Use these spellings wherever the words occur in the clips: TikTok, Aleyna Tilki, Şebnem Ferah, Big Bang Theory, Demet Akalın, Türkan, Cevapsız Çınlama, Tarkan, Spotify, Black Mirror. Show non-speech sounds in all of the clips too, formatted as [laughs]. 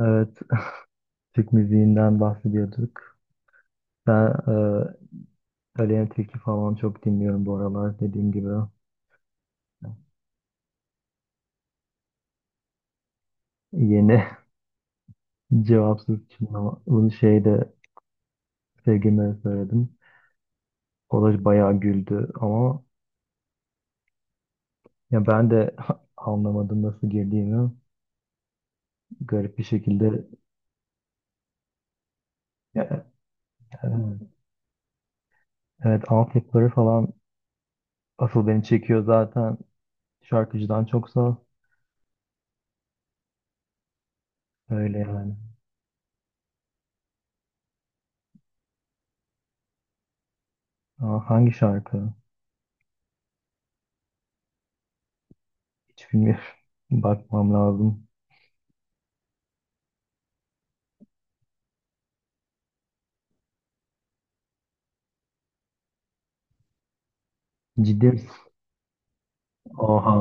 Evet, Türk müziğinden bahsediyorduk. Ben Aleyna Tilki falan çok dinliyorum bu aralar dediğim gibi. Yeni. [laughs] Cevapsız Çınlama. Bunu şeyde sevgilime söyledim. O da bayağı güldü ama ya ben de [laughs] anlamadım nasıl girdiğimi. Garip bir şekilde. Ya, e, evet, altyapıları falan asıl beni çekiyor zaten şarkıcıdan çoksa, öyle yani. Aa, hangi şarkı? Hiç bilmiyorum. [laughs] Bakmam lazım. Ciddi misin? Oha,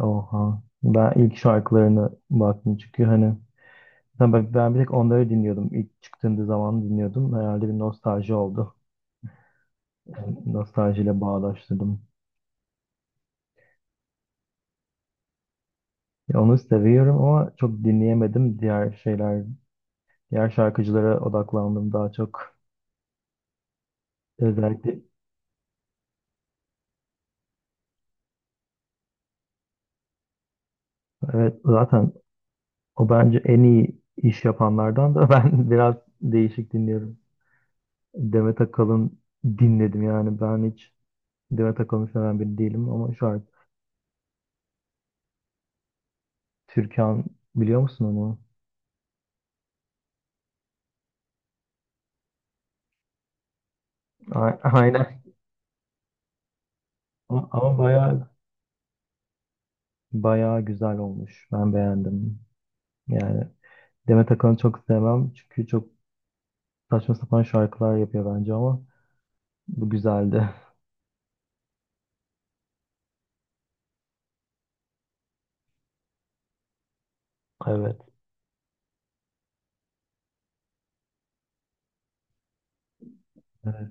oha. Ben ilk şarkılarına baktım, çünkü hani ben bir tek onları dinliyordum. İlk çıktığında zaman dinliyordum. Herhalde bir nostalji oldu. Yani nostaljiyle bağdaştırdım. Ya, onu seviyorum ama çok dinleyemedim. Diğer şeyler, diğer şarkıcılara odaklandım daha çok. Özellikle evet, zaten o bence en iyi iş yapanlardan da. [laughs] Ben biraz değişik dinliyorum. Demet Akalın dinledim. Yani ben hiç Demet Akalın seven biri değilim ama şarkı Türkan, biliyor musun onu? A- Aynen. Ama bayağı güzel olmuş. Ben beğendim. Yani Demet Akalın'ı çok sevmem, çünkü çok saçma sapan şarkılar yapıyor bence, ama bu güzeldi. [laughs] Evet. Evet.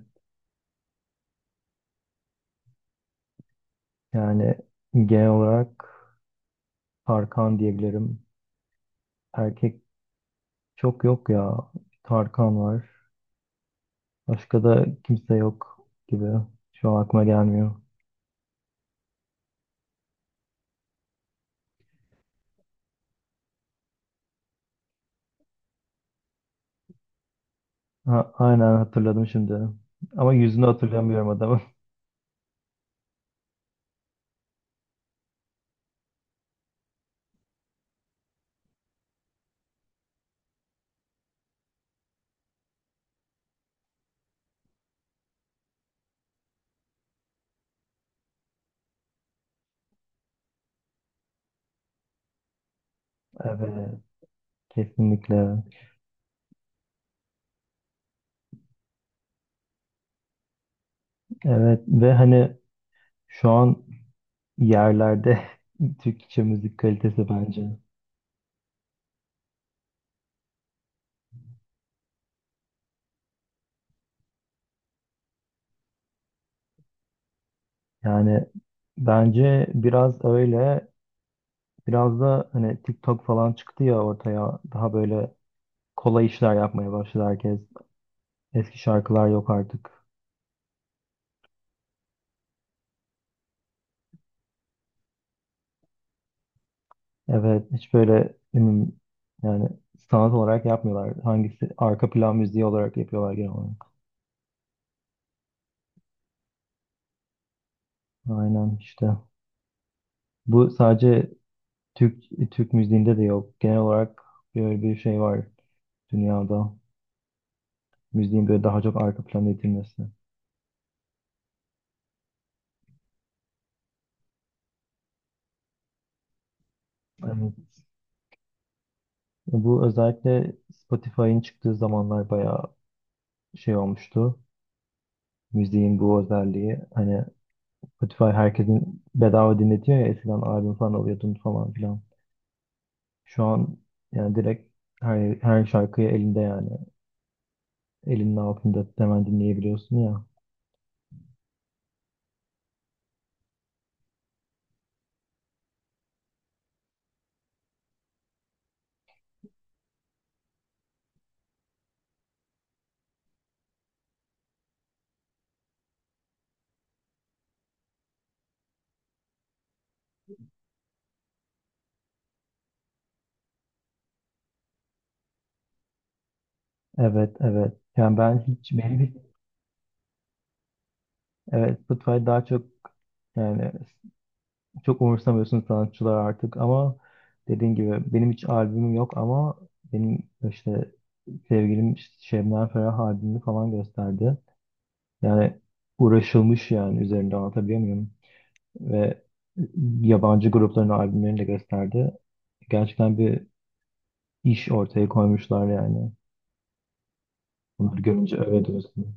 Yani genel olarak Tarkan diyebilirim. Erkek çok yok ya. Tarkan var. Başka da kimse yok gibi. Şu an aklıma gelmiyor. Ha, aynen, hatırladım şimdi. Ama yüzünü hatırlamıyorum adamın. [laughs] Evet. Kesinlikle. Evet, ve hani şu an yerlerde [laughs] Türkçe müzik kalitesi bence. Yani bence biraz öyle, biraz da hani TikTok falan çıktı ya ortaya, daha böyle kolay işler yapmaya başladı herkes. Eski şarkılar yok artık. Evet, hiç böyle ne bileyim, yani sanat olarak yapmıyorlar. Hangisi arka plan müziği olarak yapıyorlar genel olarak. Aynen işte. Bu sadece Türk Türk müziğinde de yok. Genel olarak böyle bir şey var. Dünyada müziğin böyle daha çok arka plana edilmesi. Yani bu özellikle Spotify'ın çıktığı zamanlar bayağı şey olmuştu. Müziğin bu özelliği hani, Spotify herkesin bedava dinletiyor ya, eskiden albüm falan alıyordun falan filan. Şu an yani direkt her şarkıyı elinde, yani elinin altında hemen dinleyebiliyorsun ya. Evet, evet. Yani ben hiç benim, evet, Spotify daha çok, yani çok umursamıyorsun sanatçılar artık, ama dediğin gibi benim hiç albümüm yok ama benim işte sevgilim Şebnem Ferah albümünü falan gösterdi. Yani uğraşılmış yani üzerinde, anlatabiliyor muyum? Ve yabancı grupların albümlerini de gösterdi. Gerçekten bir iş ortaya koymuşlar yani. Bunları görünce öyle diyorsun.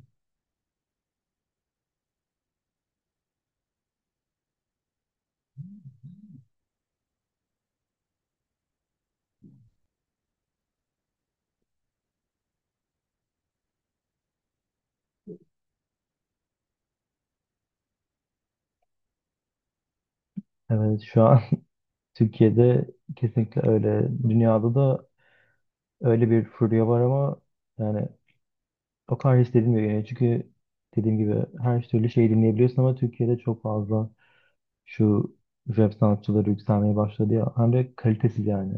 Evet, şu an [laughs] Türkiye'de kesinlikle öyle. Dünyada da öyle bir furya var ama yani o kadar hiç dediğim, çünkü dediğim gibi her türlü şeyi dinleyebiliyorsun, ama Türkiye'de çok fazla şu rap sanatçıları yükselmeye başladı ya. Hem de kalitesiz yani.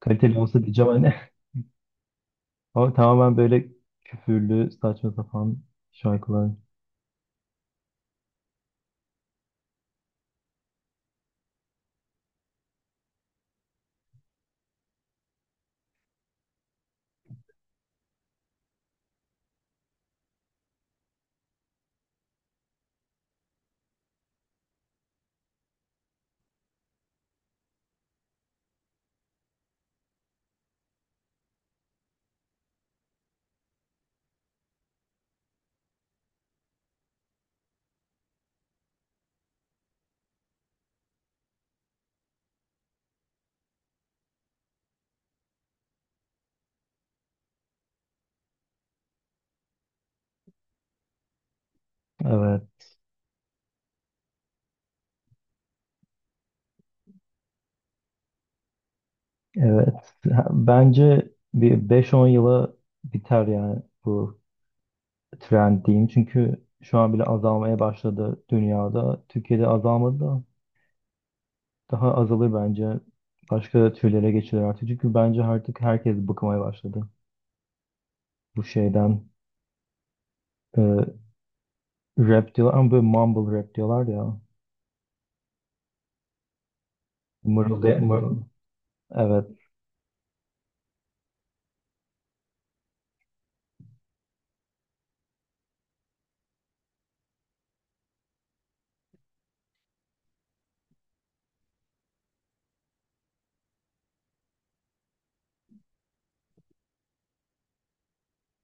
Kaliteli olsa diyeceğim hani. [laughs] Ama tamamen böyle küfürlü, saçma sapan şarkılar. Evet. Evet. Ha, bence bir 5-10 yıla biter yani bu trend diyeyim. Çünkü şu an bile azalmaya başladı dünyada. Türkiye'de azalmadı da daha azalır bence. Başka türlere geçilir artık. Çünkü bence artık herkes bıkmaya başladı. Bu şeyden, e, rap diyorlar ama böyle mumble rap diyorlar ya. Mırılda, Mumble rap mır, evet.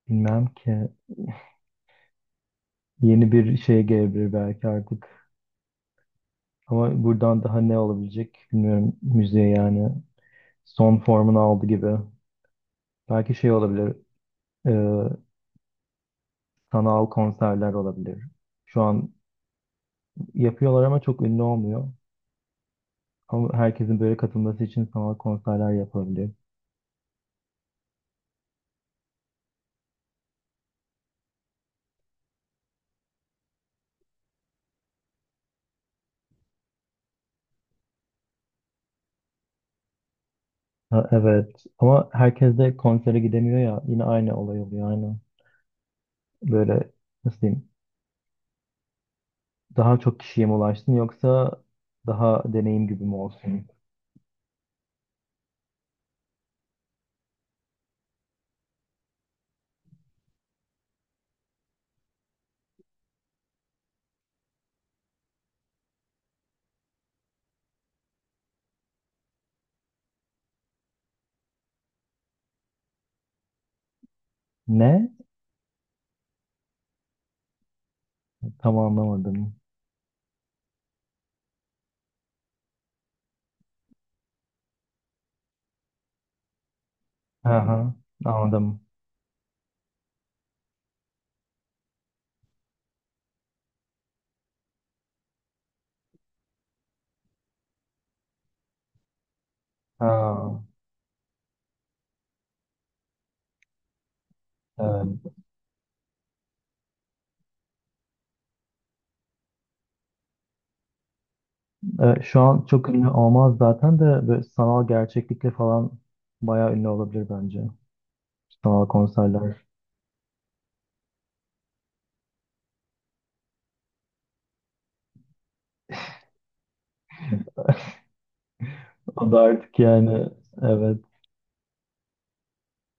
Bilmem ki. Yeni bir şey gelebilir belki artık. Ama buradan daha ne olabilecek bilmiyorum müziğe yani. Son formunu aldı gibi. Belki şey olabilir. E, sanal konserler olabilir. Şu an yapıyorlar ama çok ünlü olmuyor. Ama herkesin böyle katılması için sanal konserler yapabilir. Ha, evet, ama herkes de konsere gidemiyor ya, yine aynı olay oluyor aynı. Böyle nasıl diyeyim, daha çok kişiye mi ulaşsın yoksa daha deneyim gibi mi olsun? Ne? Tam anlamadım. Aha, anladım. Ha, evet. Şu an çok ünlü olmaz zaten, de böyle sanal gerçeklikle falan bayağı ünlü olabilir bence. Sanal konserler. O da artık yani evet.